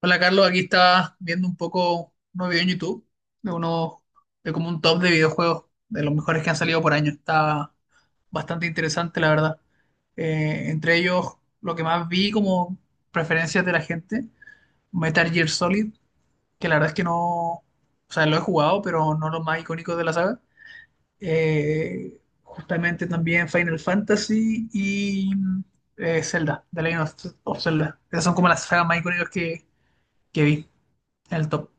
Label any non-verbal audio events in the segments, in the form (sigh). Hola Carlos, aquí estaba viendo un poco un video en YouTube de unos de como un top de videojuegos de los mejores que han salido por año. Está bastante interesante, la verdad. Entre ellos, lo que más vi como preferencias de la gente, Metal Gear Solid, que la verdad es que no, o sea, lo he jugado, pero no los más icónicos de la saga. Justamente también Final Fantasy y Zelda, The Legend of Zelda. Esas son como las sagas más icónicas que vi en el top.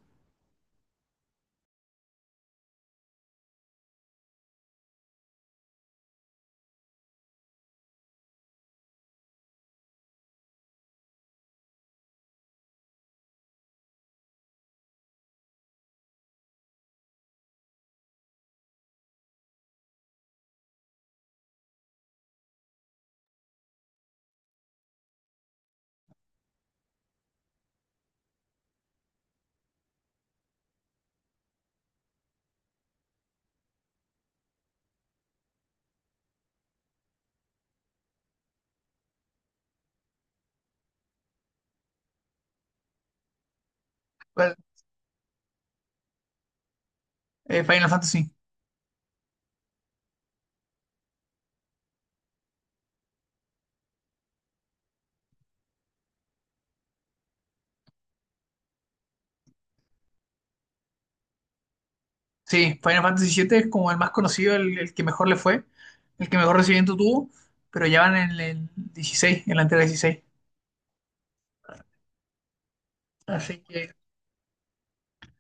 ¿Cuál? Final Fantasy. Sí, Final Fantasy 7 es como el más conocido, el que mejor le fue, el que mejor recibimiento tuvo, pero ya van en el 16, en la entrega 16. Así que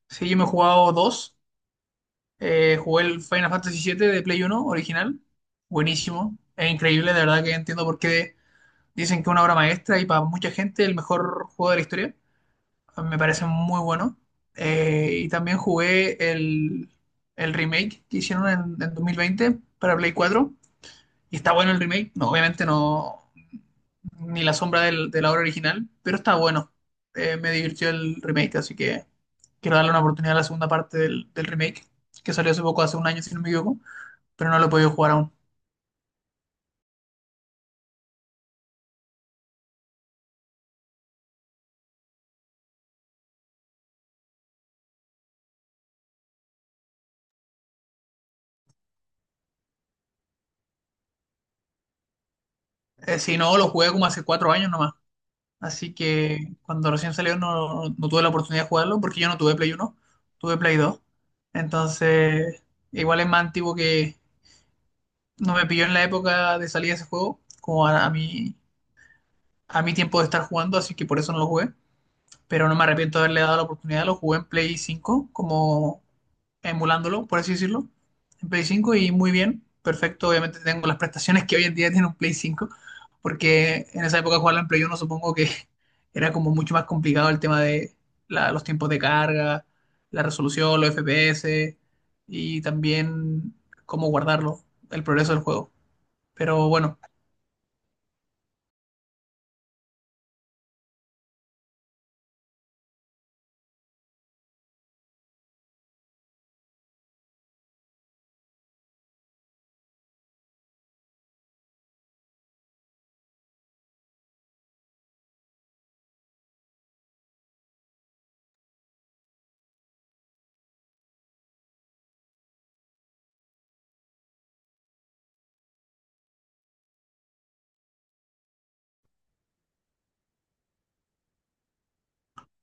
sí, yo me he jugado dos. Jugué el Final Fantasy 7 de Play Uno original. Buenísimo. Es increíble, de verdad que entiendo por qué dicen que es una obra maestra y para mucha gente el mejor juego de la historia. A mí me parece muy bueno. Y también jugué el remake que hicieron en 2020 para Play 4. ¿Y está bueno el remake? No, obviamente no, ni la sombra del- de la obra original, pero está bueno. Me divirtió el remake, así que quiero darle una oportunidad a la segunda parte del remake, que salió hace poco, hace un año, si no me equivoco, pero no lo he podido jugar aún. Si no, lo jugué como hace 4 años nomás. Así que cuando recién salió no, no tuve la oportunidad de jugarlo, porque yo no tuve Play uno, tuve Play dos. Entonces, igual es más antiguo que, no me pilló en la época de salida de ese juego, como a mí, a mi tiempo de estar jugando, así que por eso no lo jugué. Pero no me arrepiento de haberle dado la oportunidad. Lo jugué en Play 5 como emulándolo, por así decirlo. En Play 5 y muy bien, perfecto. Obviamente tengo las prestaciones que hoy en día tiene un Play 5 porque en esa época jugarla en Play uno supongo que (laughs) era como mucho más complicado el tema de la- los tiempos de carga, la resolución, los FPS y también cómo guardarlo, el progreso del juego. Pero bueno,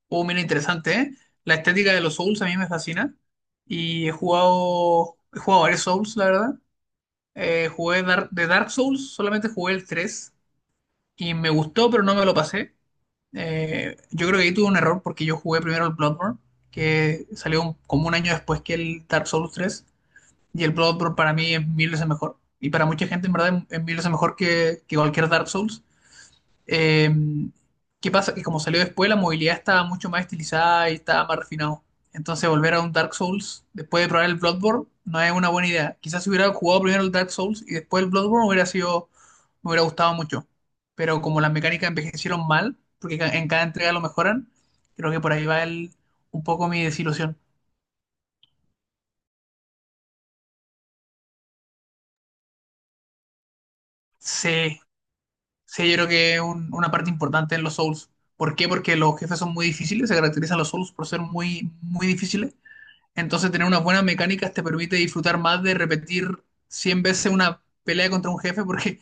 oh, mira, interesante, ¿eh? La estética de los Souls a mí me fascina. Y he jugado varios Souls, la verdad. Jugué Dar- de Dark Souls, solamente jugué el 3. Y me gustó, pero no me lo pasé. Yo creo que ahí tuve un error porque yo jugué primero el Bloodborne, que salió un- como un año después que el Dark Souls 3. Y el Bloodborne para mí es mil veces mejor. Y para mucha gente, en verdad, es mil veces mejor que cualquier Dark Souls. Eh, ¿Qué pasa? Que como salió después, la movilidad estaba mucho más estilizada y estaba más refinado. Entonces, volver a un Dark Souls después de probar el Bloodborne no es una buena idea. Quizás si hubiera jugado primero el Dark Souls y después el Bloodborne hubiera sido, me hubiera gustado mucho. Pero como las mecánicas envejecieron mal, porque ca- en cada entrega lo mejoran, creo que por ahí va un poco mi desilusión. Sí, sí, yo creo que es un- una parte importante en los Souls. ¿Por qué? Porque los jefes son muy difíciles, se caracterizan los Souls por ser muy, muy difíciles. Entonces, tener unas buenas mecánicas te permite disfrutar más de repetir 100 veces una pelea contra un jefe, porque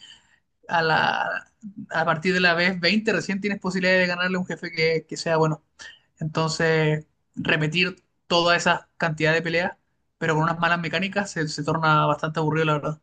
a la, a partir de la vez 20 recién tienes posibilidad de ganarle a un jefe que sea bueno. Entonces, repetir toda esa cantidad de peleas, pero con unas malas mecánicas, se torna bastante aburrido, la verdad.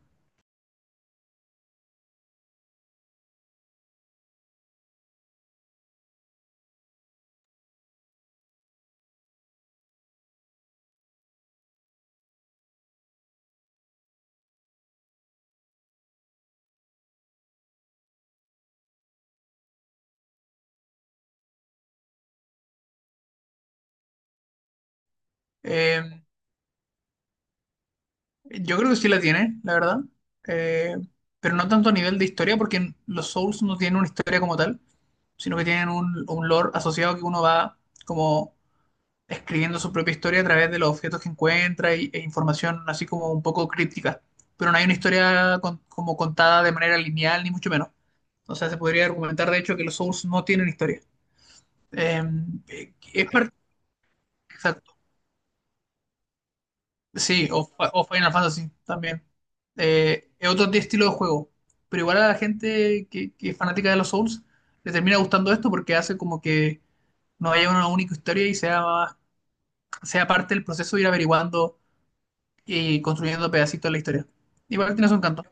Eh, yo creo que sí la tiene, la verdad. Eh, pero no tanto a nivel de historia, porque los Souls no tienen una historia como tal, sino que tienen un lore asociado que uno va como escribiendo su propia historia a través de los objetos que encuentra y- e información así como un poco críptica. Pero no hay una historia con- como contada de manera lineal, ni mucho menos. O sea, se podría argumentar, de hecho, que los Souls no tienen historia. Es parte... Exacto. Sí, o, fa- o Final Fantasy también. Es otro t- estilo de juego. Pero igual a la gente que es fanática de los Souls le termina gustando esto porque hace como que no haya una única historia y sea, más- sea parte del proceso de ir averiguando y construyendo pedacitos de la historia. Igual tiene su encanto.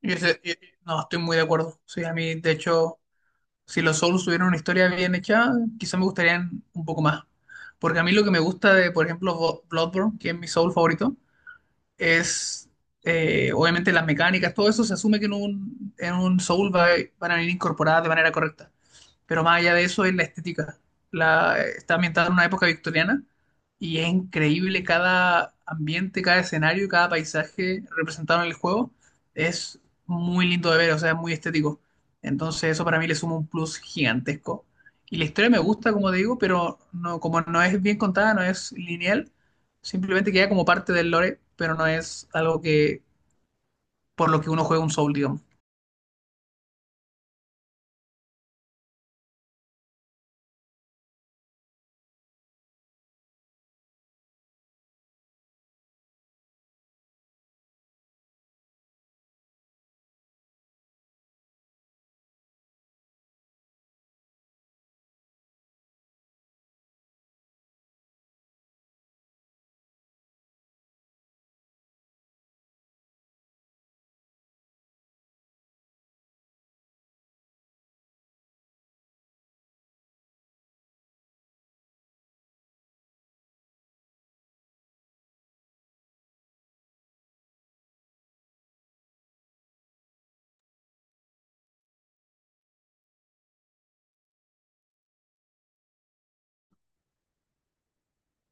Y ese- y- no, estoy muy de acuerdo. Sí, a mí, de hecho, si los Souls tuvieran una historia bien hecha, quizá me gustarían un poco más. Porque a mí lo que me gusta de, por ejemplo, Bo- Bloodborne, que es mi Soul favorito, es obviamente las mecánicas, todo eso se asume que en en un Soul va- van a venir incorporadas de manera correcta. Pero más allá de eso es la estética. La, está ambientada en una época victoriana y es increíble cada ambiente, cada escenario, cada paisaje representado en el juego. Es muy lindo de ver, o sea, es muy estético. Entonces eso para mí le suma un plus gigantesco. Y la historia me gusta, como te digo, pero no, como no es bien contada, no es lineal, simplemente queda como parte del lore, pero no es algo que por lo que uno juega un Soul, digamos.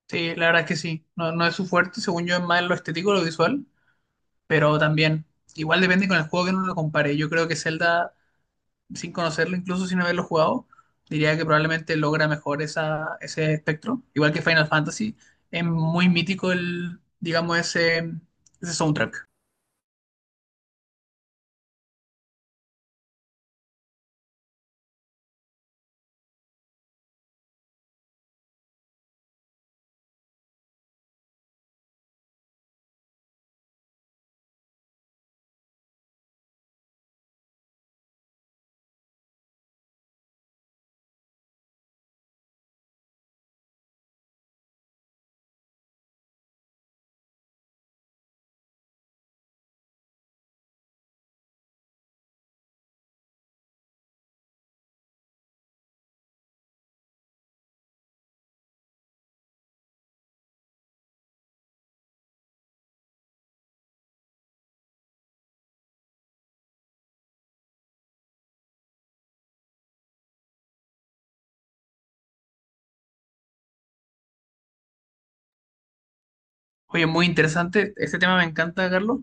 Sí, la verdad es que sí, no, no es su fuerte, según yo es más lo estético, lo visual, pero también, igual depende con el juego que uno lo compare. Yo creo que Zelda, sin conocerlo, incluso sin haberlo jugado, diría que probablemente logra mejor esa, ese espectro. Igual que Final Fantasy, es muy mítico el, digamos, ese soundtrack. Oye, muy interesante. Este tema me encanta, Carlos.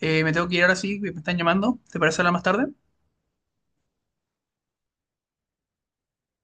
Me tengo que ir ahora sí, me están llamando. ¿Te parece hablar más tarde?